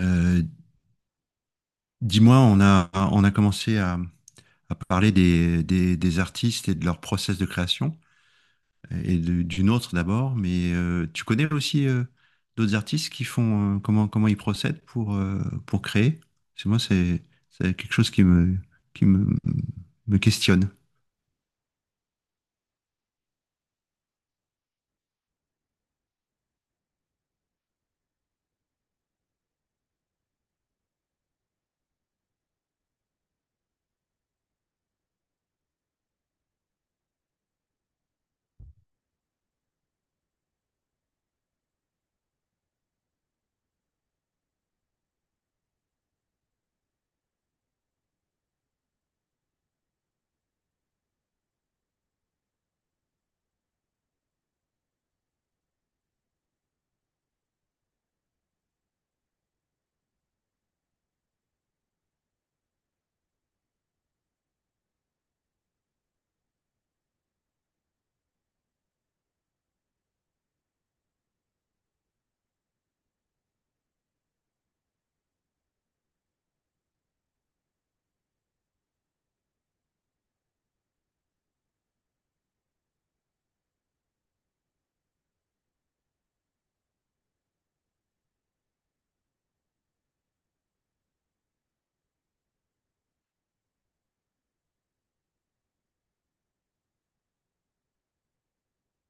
Euh, dis-moi, on a commencé à parler des artistes et de leur process de création, et du nôtre d'abord, mais tu connais aussi d'autres artistes qui font, comment ils procèdent pour créer? C'est moi, c'est, c'est quelque chose qui me questionne.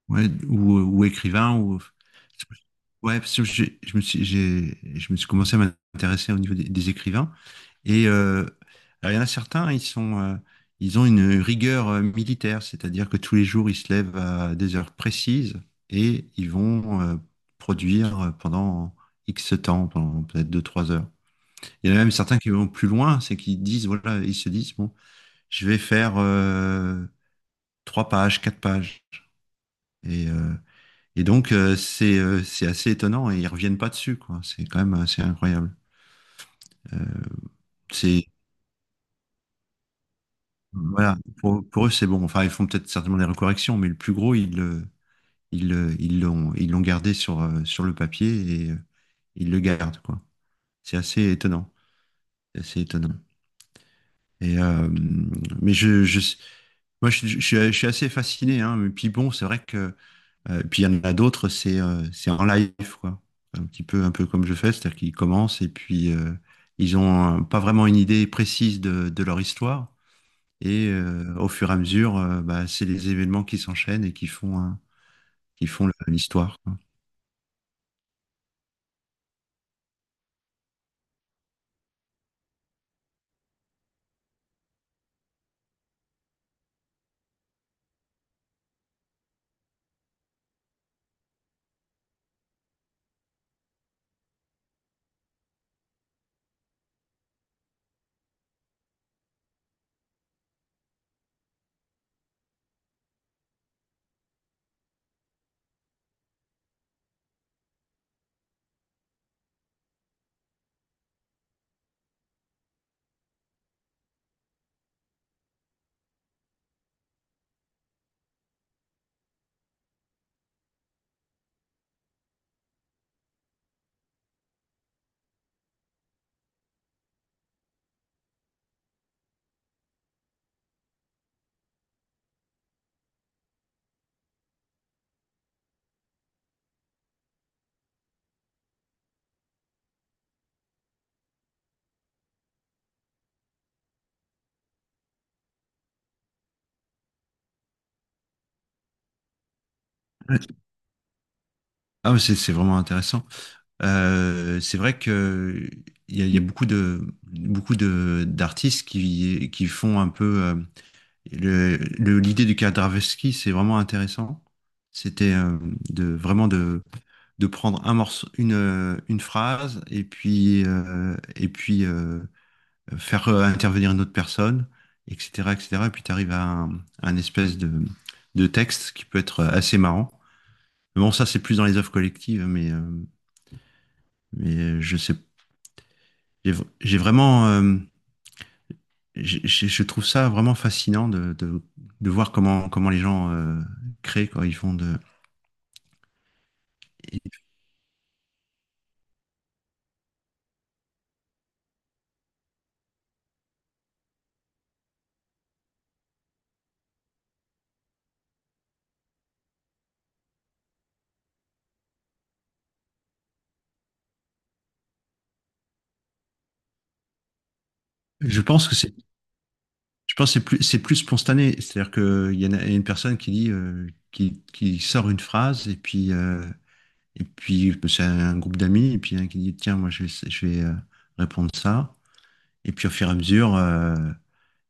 Ouais, ou écrivain, ou... Ouais, parce que je me suis commencé à m'intéresser au niveau des écrivains. Et alors, il y en a certains, ils ont une rigueur militaire, c'est-à-dire que tous les jours, ils se lèvent à des heures précises et ils vont produire pendant X temps, pendant peut-être deux trois heures. Il y en a même certains qui vont plus loin, c'est qu'ils disent, voilà, ils se disent, bon, je vais faire 3 pages, 4 pages. Et, euh, c'est assez étonnant et ils reviennent pas dessus, quoi. C'est quand même assez incroyable. Euh, c'est voilà, pour eux, c'est bon. Enfin, ils font peut-être certainement des recorrections, mais le plus gros, ils l'ont gardé sur sur le papier et ils le gardent, quoi. C'est assez étonnant. C'est assez étonnant. Et mais je moi, je suis assez fasciné, hein. Mais puis bon, c'est vrai que et puis il y en a d'autres, c'est en live, quoi. Un petit peu, un peu comme je fais, c'est-à-dire qu'ils commencent et puis ils ont pas vraiment une idée précise de leur histoire. Et au fur et à mesure, bah, c'est les événements qui s'enchaînent et qui font, qui font l'histoire, quoi. Ah, mais c'est vraiment intéressant. C'est vrai que il y a beaucoup de d'artistes qui font un peu l'idée du Kandarovski, c'est vraiment intéressant. C'était de vraiment de prendre un morceau, une phrase et puis faire intervenir une autre personne, etc., etc. Et cetera. Et puis tu arrives un espèce de texte qui peut être assez marrant. Mais bon, ça c'est plus dans les œuvres collectives, mais je sais, j'ai vraiment, je trouve ça vraiment fascinant de voir comment les gens créent quoi ils font de Et Je pense que c'est c'est plus spontané. C'est-à-dire qu'il y en il y a une personne qui dit, qui sort une phrase et puis, c'est un groupe d'amis et puis un qui dit, tiens, moi je vais répondre ça. Et puis au fur et à mesure, euh,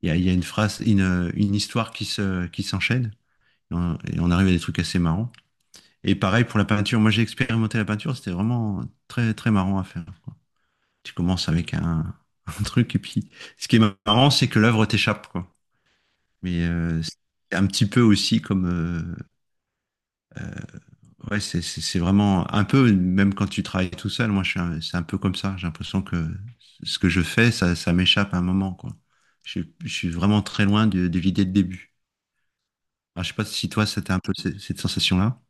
il y a, il y a une phrase, une histoire qui s'enchaîne. Et on arrive à des trucs assez marrants. Et pareil pour la peinture. Moi j'ai expérimenté la peinture, c'était vraiment très, très marrant à faire. Tu commences avec un truc et puis, ce qui est marrant, c'est que l'œuvre t'échappe, quoi. Mais c'est un petit peu aussi comme... euh, euh, ouais, c'est vraiment un peu, même quand tu travailles tout seul, moi, c'est un peu comme ça. J'ai l'impression que ce que je fais, ça m'échappe à un moment, quoi. Je suis vraiment très loin de l'idée de début. Alors, je sais pas si toi, c'était un peu cette sensation-là.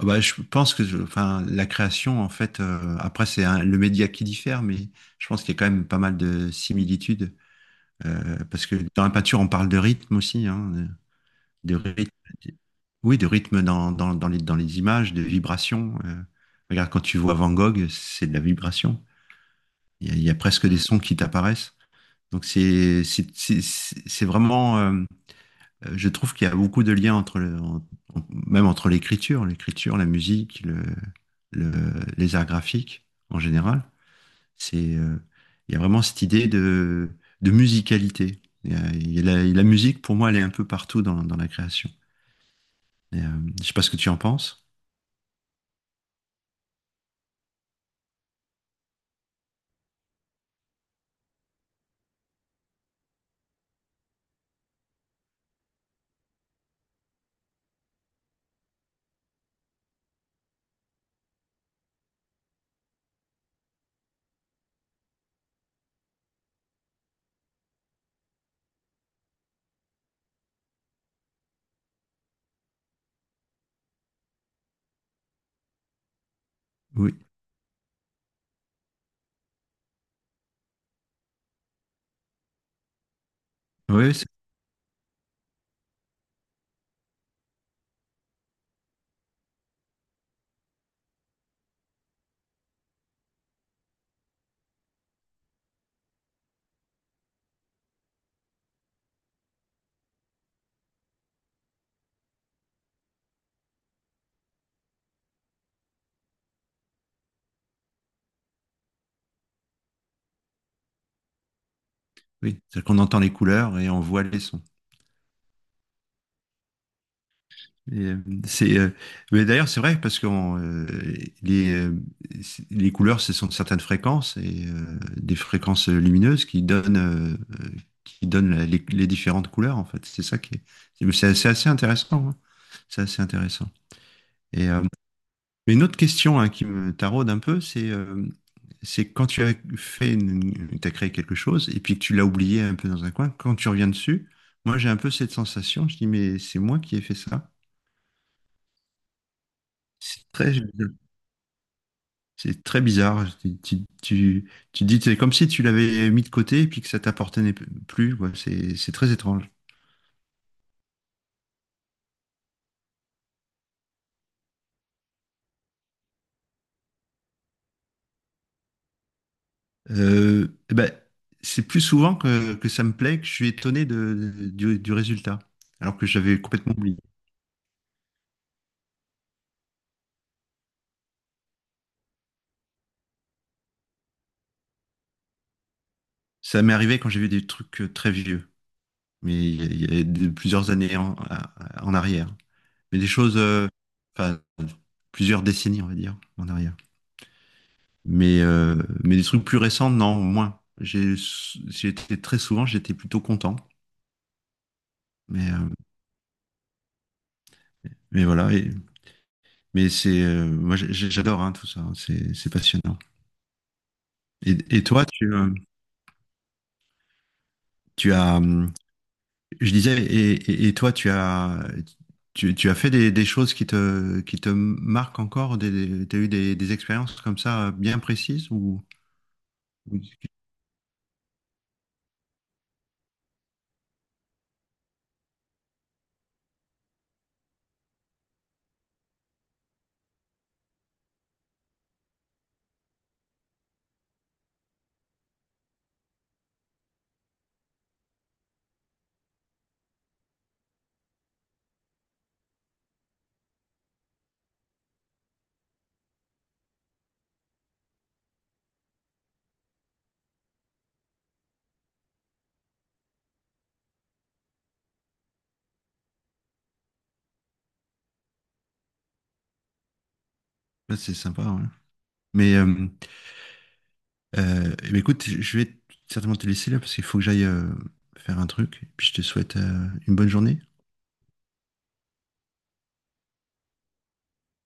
Ah bah, je pense que je- enfin, la création, en fait, après, le média qui diffère, mais je pense qu'il y a quand même pas mal de similitudes. Parce que dans la peinture, on parle de rythme aussi, hein. De rythme, de- oui, de rythme dans les images, de vibrations. Regarde, quand tu vois Van Gogh, c'est de la vibration. Il y a presque des sons qui t'apparaissent. Donc c'est vraiment, je trouve qu'il y a beaucoup de liens entre le, en- en- même entre l'écriture, la musique, les arts graphiques en général. C'est, euh, il y a vraiment cette idée de musicalité. Il y a la, la musique, pour moi, elle est un peu partout dans la création. Et, je sais pas ce que tu en penses. Oui, oui, c'est- oui, c'est-à-dire qu'on entend les couleurs et on voit les sons. Et, c'est, euh, mais d'ailleurs, c'est vrai parce que les, euh, les couleurs, ce sont certaines fréquences et des fréquences lumineuses euh, qui donnent les différentes couleurs, en fait. C'est ça qui est. C'est assez, assez intéressant, hein. C'est assez intéressant. Et, mais une autre question hein, qui me taraude un peu, c'est quand tu as créé quelque chose et puis que tu l'as oublié un peu dans un coin, quand tu reviens dessus, moi j'ai un peu cette sensation, je dis mais c'est moi qui ai fait ça. C'est très, c'est très bizarre. Tu dis c'est comme si tu l'avais mis de côté et puis que ça t'appartenait plus, quoi. C'est très étrange. Eh ben, c'est plus souvent que ça me plaît que je suis étonné du résultat, alors que j'avais complètement oublié. Ça m'est arrivé quand j'ai vu des trucs très vieux, il y a plusieurs années en arrière. Mais des choses, enfin, plusieurs décennies, on va dire, en arrière. Mais, mais des trucs plus récents, non, moins. J'ai été très souvent, j'étais plutôt content. Mais, mais voilà, mais c'est, moi j'adore hein, tout ça, hein, c'est passionnant. Et toi, tu, tu as, je disais, et toi, tu as fait des choses qui te marquent encore, des, tu as eu des expériences comme ça bien précises ou oui. Ouais, c'est sympa, ouais. Mais eh bien, écoute, je vais certainement te laisser là parce qu'il faut que j'aille faire un truc. Et puis je te souhaite une bonne journée.